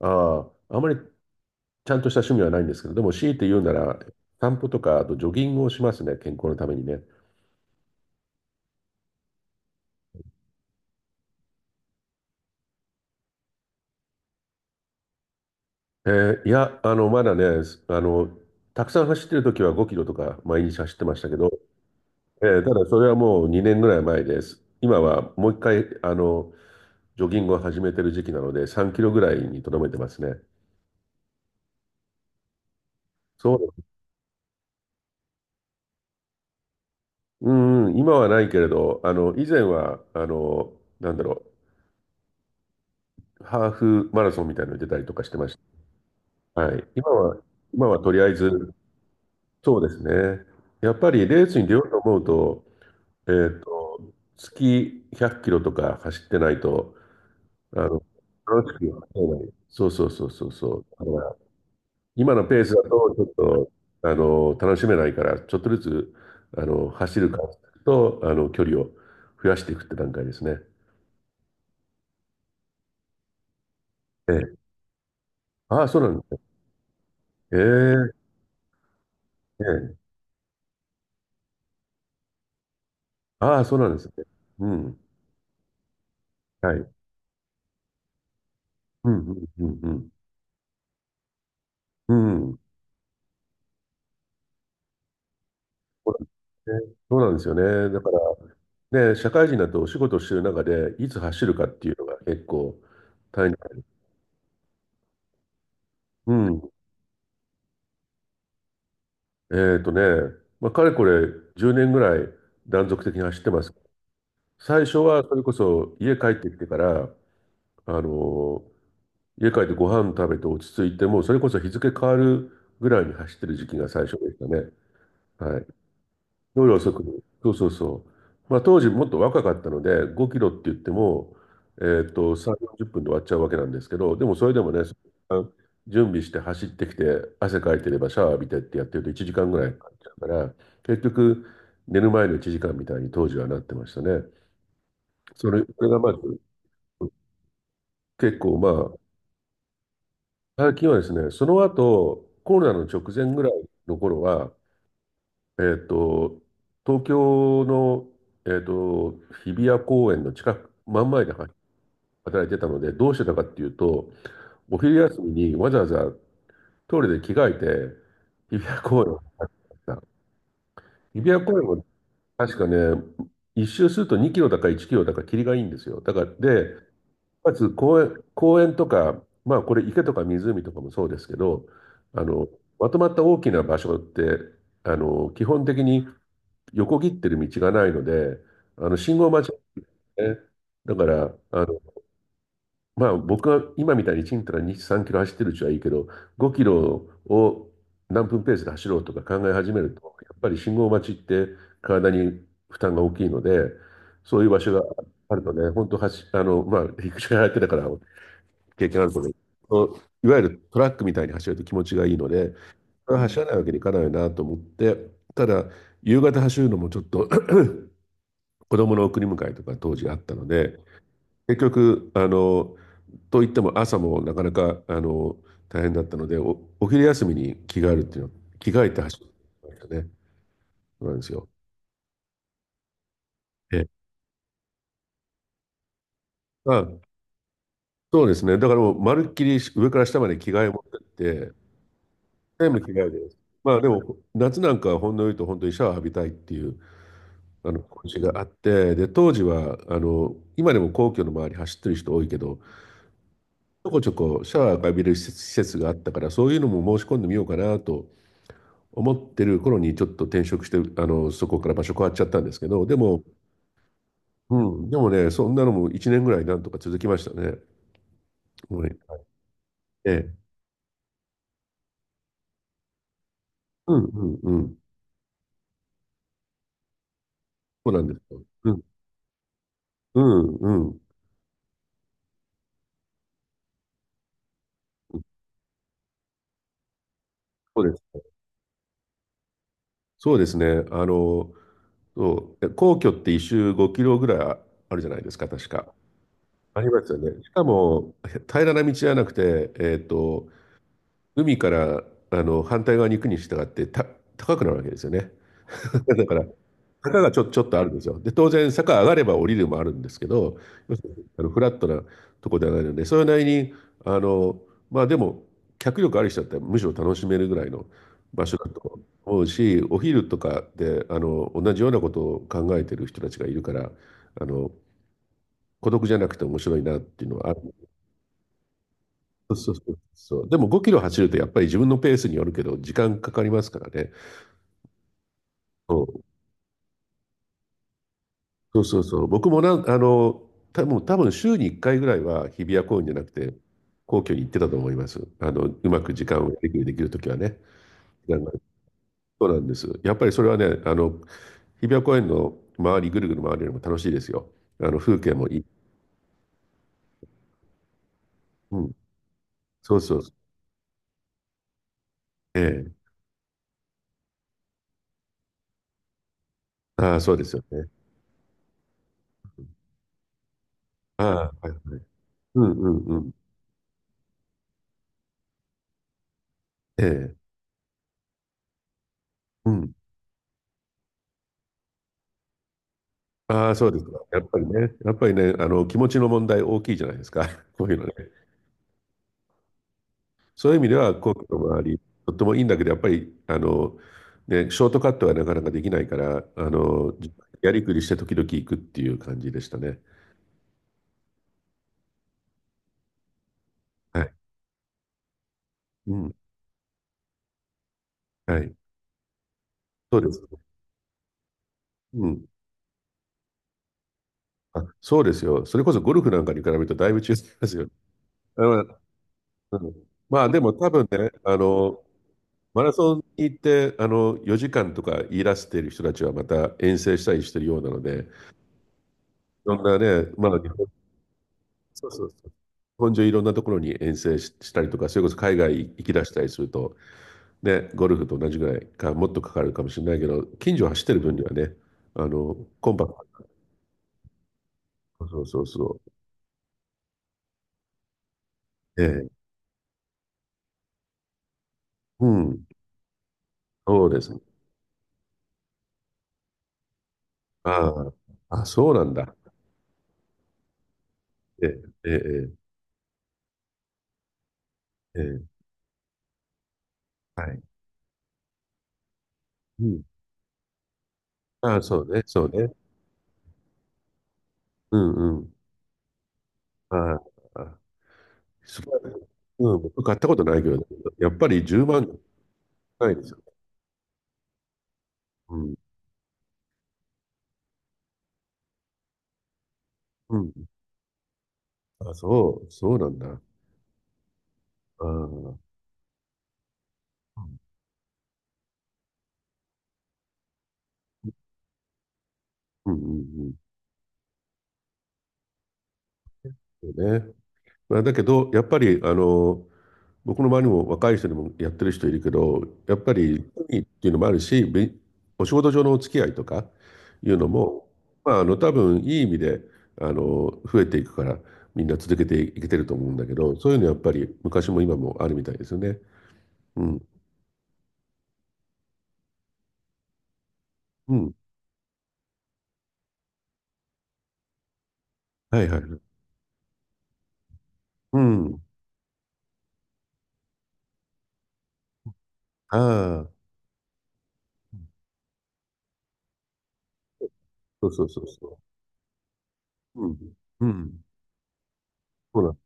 ああ、あまりちゃんとした趣味はないんですけど、でも強いて言うなら、散歩とか、あとジョギングをしますね、健康のためにね。まだね、すあの、たくさん走ってる時は5キロとか毎日走ってましたけど、ただそれはもう2年ぐらい前です。今はもう一回、ジョギングを始めてる時期なので、3キロぐらいにとどめてますね。そう、うんうん、今はないけれど、以前は、なんだろう、ハーフマラソンみたいなのに出たりとかしてま、はい。今は、今はとりあえず、そうですね。やっぱりレースに出ようと思うと、えーと、月100キロとか走ってないと、あの、楽しくは走れない。そうそうそうそうそう。だから今のペースだと、ちょっと、楽しめないから、ちょっとずつ、走る感じと、距離を増やしていくって段階ですね。ええ。ああ、そうなんですね。ええ、ええ。ああ、そうなんですね。うん。はい。うん、うん、うん、うん。うん。そうなんですね、そうなんですよね。だから、ね、社会人だとお仕事をしてる中で、いつ走るかっていうのが結構大変。うん。えっとね、まあ、かれこれ10年ぐらい断続的に走ってます。最初はそれこそ家帰ってきてから、あの家帰ってご飯食べて落ち着いて、もうそれこそ日付変わるぐらいに走ってる時期が最初でしたね。はい。夜遅く。そうそうそう。まあ、当時もっと若かったので、5キロって言っても、3、40分で終わっちゃうわけなんですけど、でもそれでもね、その時間準備して走ってきて、汗かいてればシャワー浴びてってやってると1時間ぐらいかかっちゃうから、結局、寝る前の1時間みたいに当時はなってましたね。それ、それがまず、結構ま、あ、最近はですね、その後、コロナの直前ぐらいの頃は、えっと、東京の、えっと、日比谷公園の近く、真ん前で働いてたので、どうしてたかっていうと、お昼休みにわざわざトイレで着替えて、日比谷公園を走った。日比谷公園も確かね、一周すると2キロだか1キロだか霧がいいんですよ。だから、で、まず公園、公園とか、まあこれ池とか湖とかもそうですけど、あの、まとまった大きな場所って、基本的に横切ってる道がないので、あの信号待ちなんですね。だから、まあ僕が今みたいにちんたら2、3キロ走ってるうちはいいけど、5キロを何分ペースで走ろうとか考え始めると、やっぱり信号待ちって体に負担が大きいので、そういう場所があるとね、本当走、まあ陸上やってたから経験あるとね、そう、いわゆるトラックみたいに走ると気持ちがいいので、走らないわけにいかないなと思って、ただ、夕方走るのもちょっと、 子供の送り迎えとか当時あったので、結局、といっても朝もなかなか大変だったので、お、お昼休みに着替えるっていうの、着替えて走るんですよね。そうなんですよ。え、まあ、そうですね、だからもうまるっきり上から下まで着替え持ってって全部着替えです。まあでも夏なんかはほんの言うと本当にシャワー浴びたいっていう気持ちがあって、で当時は今でも皇居の周り走ってる人多いけど、ちょこちょこシャワーが浴びれる施設、施設があったから、そういうのも申し込んでみようかなと思ってる頃にちょっと転職して、そこから場所変わっちゃったんですけど、でも、うん、でもね、そんなのも1年ぐらいなんとか続きましたね。はい。ええ。うんうんうん。そうなんですよ。うん。うんうん。そうですね。そうですね。そう、え、皇居って一周5キロぐらいあ、あるじゃないですか、確か。ありますよね。しかも、へ、平らな道じゃなくて、海から、あの反対側に行くに従って、た、高くなるわけですよね。 だから坂がちょ、ちょっとあるんですよ。で当然坂上がれば降りるもあるんですけど、要するにあのフラットなとこではないのでそれなりに、あのまあでも脚力ある人だったらむしろ楽しめるぐらいの場所だと思うし、お昼とかで、あの同じようなことを考えてる人たちがいるから、あの孤独じゃなくて面白いなっていうのはある。そうそうそうそう、でも5キロ走るとやっぱり自分のペースによるけど時間かかりますからね。そうそうそうそう。僕もなん、た、もう多分週に1回ぐらいは日比谷公園じゃなくて、皇居に行ってたと思います。うまく時間をできる、できるときはね。時間が、そうなんです。やっぱりそれはね、日比谷公園の周り、ぐるぐる回るよりも楽しいですよ。風景もいい。うん。そうそうそう。ええ。ああ、そうですよね。ああ、はいはい。うんうんうん。ええ。うん。ああ、そうですか。やっぱりね、やっぱりね、気持ちの問題大きいじゃないですか。こういうのね。そういう意味では皇居の周り、とってもいいんだけど、やっぱり、ね、ショートカットはなかなかできないから、やりくりして時々行くっていう感じでしたね。はい。うん。はい。そうです。うん。あ、そうですよ。それこそゴルフなんかに比べるとだいぶ違いますよ。あの、うん、まあでも多分ね、マラソンに行って、4時間とか言い出している人たちはまた遠征したりしてるようなので、そんなね、まだ日本、そうそうそう。日本中いろんなところに遠征し、したりとか、それこそ海外行き出したりすると、ね、ゴルフと同じぐらいか、もっとかかるかもしれないけど、近所を走ってる分にはね、あの、コンパクト。そうそうそう。ええ、うん、そうですね。ああ、あ、そうなんだ。ええ、ええ、ええ、ええ、はい。うん。ああ、そうね、そうね。うん、うん。ああ、あ、すごい。うん、僕買ったことないけどね、やっぱり10万ないですよ。うん、うん。あ、そう、そうなんだ。ああ、うんうんうん、そうね。まあ、だけど、やっぱり、僕の周りも若い人でもやってる人いるけど、やっぱり、趣味っていうのもあるし、び、お仕事上のお付き合いとかいうのも、まあ、多分いい意味で、増えていくから、みんな続けていけてると思うんだけど、そういうのやっぱり昔も今もあるみたいですよね。うん。うん。はいはい。うん。ああ、そうそうそうそう。うん。うん。そうなんで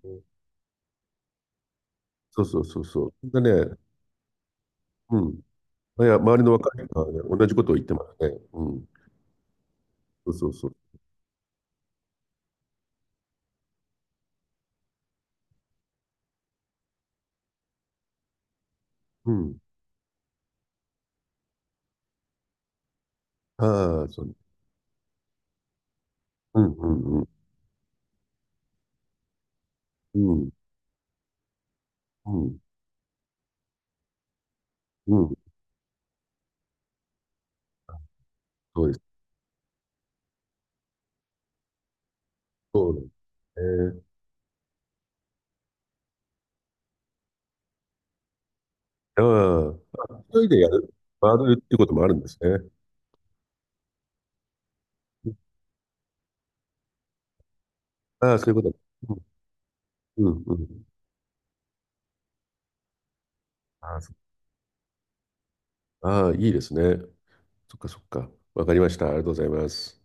すね。そうそうそうそう。でね、うん。いや、周りの若い人はね、同じことを言ってますね。うん。そうそうそう。うん。ああ、そう。うん、うん、うん。うん、うん、うん。そうです。そうなんですね。ああ、あ、一人でやる、回るっていうこともあるんですね。うん、ああ、そういうこと。うん、うん、うん。ああ、そう、ああ、いいですね。そっかそっか。わかりました。ありがとうございます。